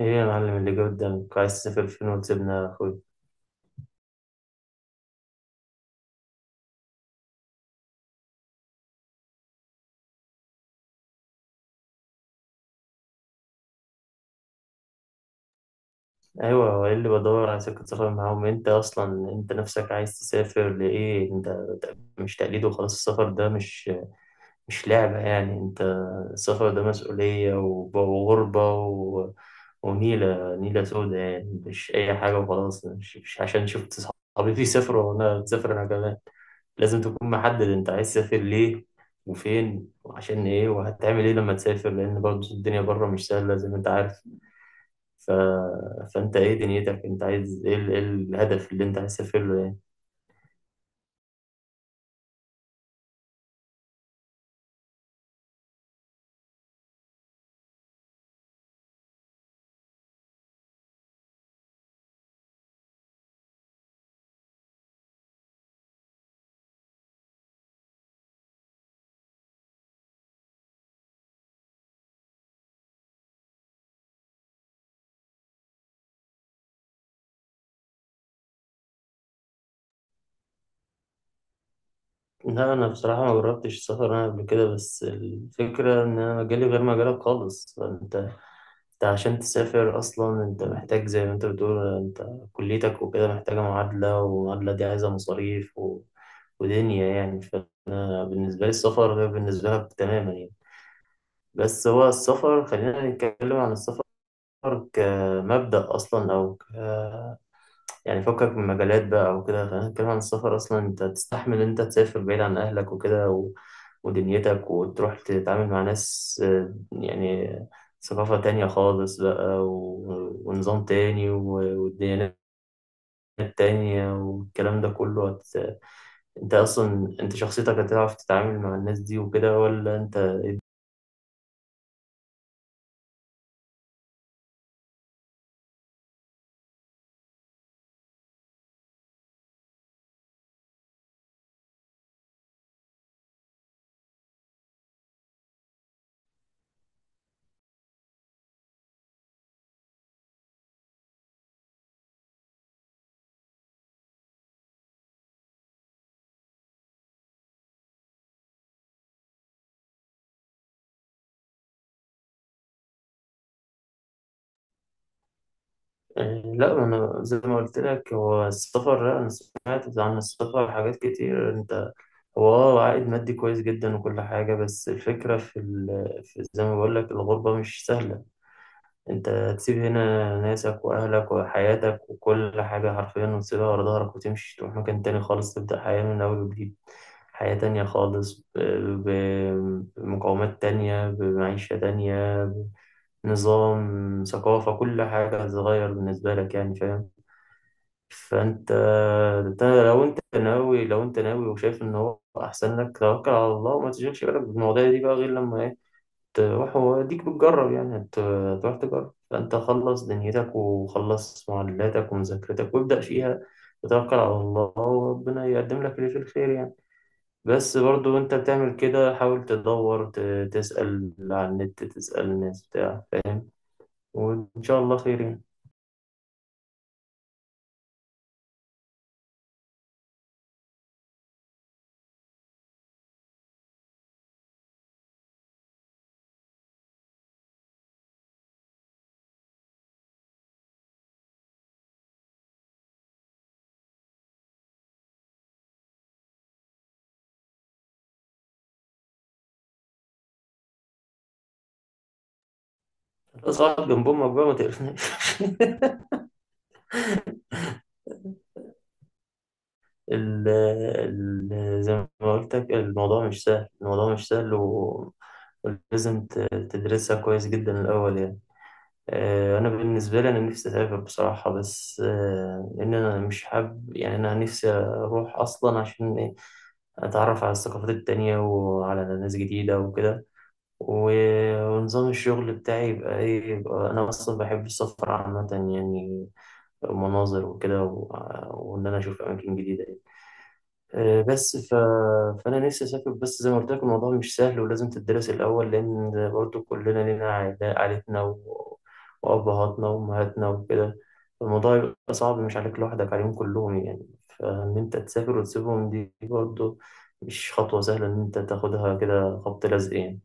ايه يا معلم اللي جه قدامك؟ عايز تسافر فين وتسيبنا يا اخوي؟ ايوه، هو إيه اللي بدور على سكة سفر معاهم؟ انت اصلا انت نفسك عايز تسافر لايه انت؟ مش تقليد وخلاص. السفر ده مش لعبة يعني انت. السفر ده مسؤولية وغربة ونيلة نيلة سودة، يعني مش أي حاجة وخلاص، مش عشان شفت صحابي بيسافروا وأنا بسافر أنا كمان. لازم تكون محدد أنت عايز تسافر ليه وفين وعشان إيه وهتعمل إيه لما تسافر، لأن برضه الدنيا بره مش سهلة زي ما أنت عارف. ف... فأنت إيه دنيتك؟ أنت عايز إيه، إيه الهدف اللي أنت عايز تسافر له، يعني. لا، أنا بصراحة ما جربتش السفر أنا قبل كده، بس الفكرة إن أنا مجالي غير مجالك خالص. أنت عشان تسافر أصلا أنت محتاج زي ما أنت بتقول، أنت كليتك وكده محتاجة معادلة، والمعادلة دي عايزة مصاريف ودنيا، يعني. فبالنسبة لي السفر غير بالنسبة لك تماما، يعني. بس هو السفر، خلينا نتكلم عن السفر كمبدأ أصلا، أو يعني فكك من مجالات بقى وكده، خلينا نتكلم عن السفر. أصلا أنت تستحمل إن أنت تسافر بعيد عن أهلك وكده ودنيتك، وتروح تتعامل مع ناس، آه، يعني ثقافة تانية خالص بقى ونظام تاني وديانات تانية، والكلام ده كله أنت أصلا أنت شخصيتك هتعرف تتعامل مع الناس دي وكده، ولا أنت؟ يعني، لا ما انا زي ما قلت لك، هو السفر، لا انا سمعت عن السفر حاجات كتير انت. هو اه، عائد مادي كويس جدا وكل حاجة، بس الفكرة في، زي ما بقول لك، الغربة مش سهلة. انت تسيب هنا ناسك واهلك وحياتك وكل حاجة حرفيا وتسيبها ورا ظهرك، وتمشي تروح مكان تاني خالص، تبدأ حياة من اول وجديد، حياة تانية خالص، بمقومات تانية، بمعيشة تانية، بنظام، ثقافة، كل حاجة هتتغير بالنسبة لك، يعني فاهم. فانت، انت لو انت ناوي، وشايف ان هو احسن لك، توكل على الله وما تشغلش بالك بالمواضيع دي بقى، غير لما ايه، تروح وديك بتجرب. يعني هتروح تجرب. فانت خلص دنيتك وخلص معلاتك ومذاكرتك وابدأ فيها، وتوكل على الله وربنا يقدم لك اللي فيه الخير، يعني. بس برضو انت بتعمل كده، حاول تدور، تسأل على النت، تسأل الناس بتاع، فاهم، وان شاء الله خير، يعني. اصعد جنب امك بقى ما تقرفناش. ال ال زي ما قلت لك الموضوع مش سهل، الموضوع مش سهل، ولازم تدرسها كويس جدا الأول، يعني. آه، أنا بالنسبة لي أنا نفسي أسافر بصراحة، بس إن أنا مش حابب يعني. أنا نفسي أروح أصلا عشان إيه، أتعرف على الثقافات التانية وعلى ناس جديدة وكده، و- ونظام الشغل بتاعي يبقى إيه، يبقى أنا أصلا بحب السفر عامة، يعني المناظر وكده، وإن أنا أشوف أماكن جديدة، آه، بس فأنا نفسي أسافر. بس زي ما قلت لك الموضوع مش سهل ولازم تدرس الأول، لأن برضو كلنا لينا عائلتنا وأبهاتنا وأمهاتنا وكده. الموضوع يبقى صعب مش عليك لوحدك، عليهم كلهم، يعني فإن أنت تسافر وتسيبهم دي برضو مش خطوة سهلة إن أنت تاخدها كده خبط لزق، يعني.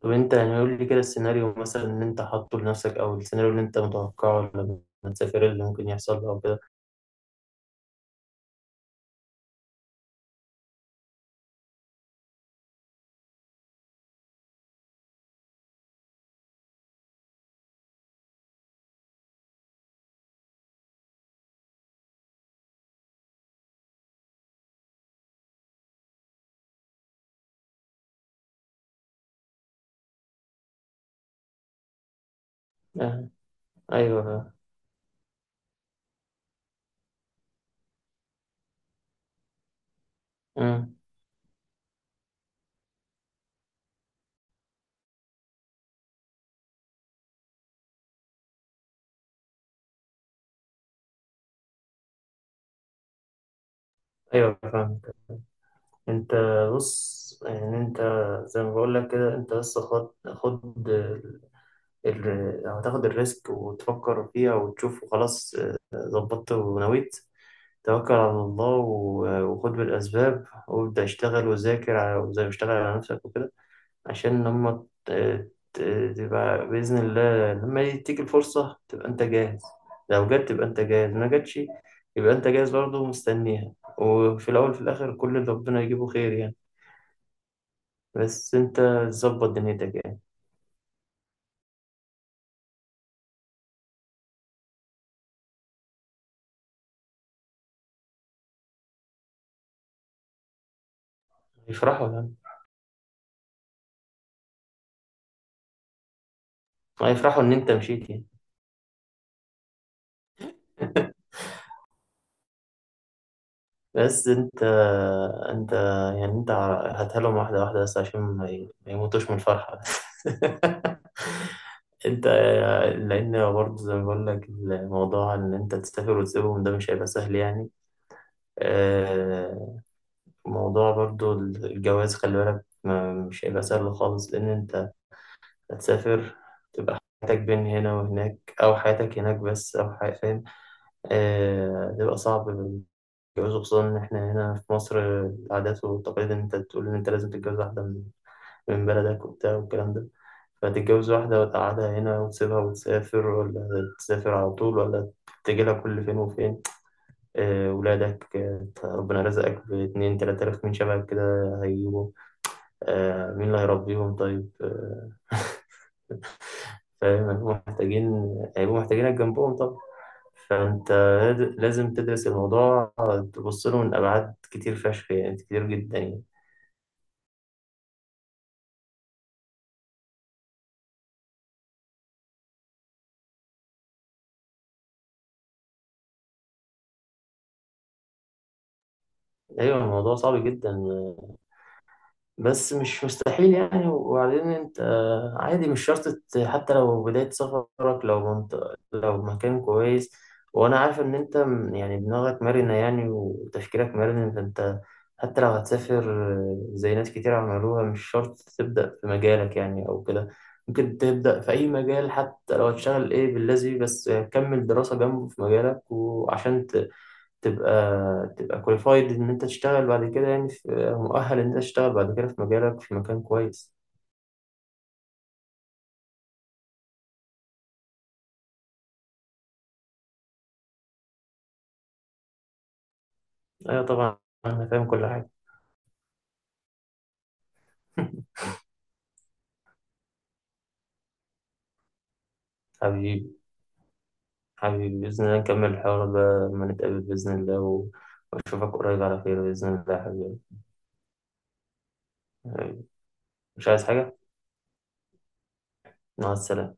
طب أنت يعني قول لي كده السيناريو مثلا اللي أنت حاطه لنفسك، أو السيناريو اللي أنت متوقعه لما تسافر اللي ممكن يحصل أو كده. آه، أيوه، آه، أمم، أيوه فاهم. انت بص، يعني انت زي ما بقول لك كده، انت بس خد خد هتاخد الريسك وتفكر فيها وتشوف وخلاص. اه، ظبطت ونويت، توكل على الله وخد بالأسباب وابدأ اشتغل وذاكر وزي ما اشتغل على نفسك وكده. عشان لما تبقى بإذن الله لما تيجي الفرصة تبقى انت جاهز، لو جت تبقى انت جاهز، ما جاتش يبقى انت جاهز برضه ومستنيها. وفي الأول وفي الآخر كل اللي ربنا يجيبه خير، يعني. بس انت ظبط دنيتك، يعني. هيفرحوا يعني. هيفرحوا ان انت مشيت، يعني. بس انت، انت، يعني انت هتهلهم واحدة واحدة بس عشان ما يموتوش من الفرحة. انت، لان برضه زي ما بقول لك الموضوع ان انت تسافر وتسيبهم ده مش هيبقى سهل، يعني. آه، موضوع برضه الجواز، خلي بالك، مش هيبقى سهل خالص لان انت هتسافر، تبقى حياتك بين هنا وهناك، او حياتك هناك بس، او حياتك، آه، بيبقى صعب الجواز. خصوصا إن إحنا هنا في مصر، العادات والتقاليد إن أنت تقول إن أنت لازم تتجوز واحدة من بلدك وبتاع والكلام ده. فتتجوز واحدة وتقعدها هنا وتسيبها وتسافر، ولا تسافر على طول، ولا تجي لها كل فين وفين. آه، ولادك، آه، ربنا رزقك باتنين تلاتة آلاف من شبهك كده هيجيبوا. آه، مين اللي هيربيهم طيب، آه، فاهم؟ هيبقوا محتاجين، هيبقوا محتاجينك جنبهم. فأنت لازم تدرس الموضوع، تبص له من أبعاد كتير فشخ، يعني كتير جدا، يعني. أيوة الموضوع صعب جدا بس مش مستحيل، يعني. وبعدين انت آه، عادي، مش شرط حتى لو بداية سفرك، لو منطقة لو مكان كويس. وانا عارف ان انت يعني دماغك مرنة يعني، وتفكيرك مرن. فانت حتى لو هتسافر، آه، زي ناس كتير عملوها، مش شرط تبدأ في مجالك يعني او كده. ممكن تبدأ في اي مجال، حتى لو هتشتغل ايه باللازم، بس كمل دراسة جنبه في مجالك، وعشان تبقى تبقى كواليفايد ان انت تشتغل بعد كده، يعني في مؤهل ان انت تشتغل بعد كده في مجالك في مكان كويس. ايوه طبعا، انا فاهم كل حاجه. حبيبي، حبيبي باذن الله نكمل الحوار ده لما نتقابل باذن الله، واشوفك قريب على خير باذن الله يا حبيبي. مش عايز حاجه. مع السلامه.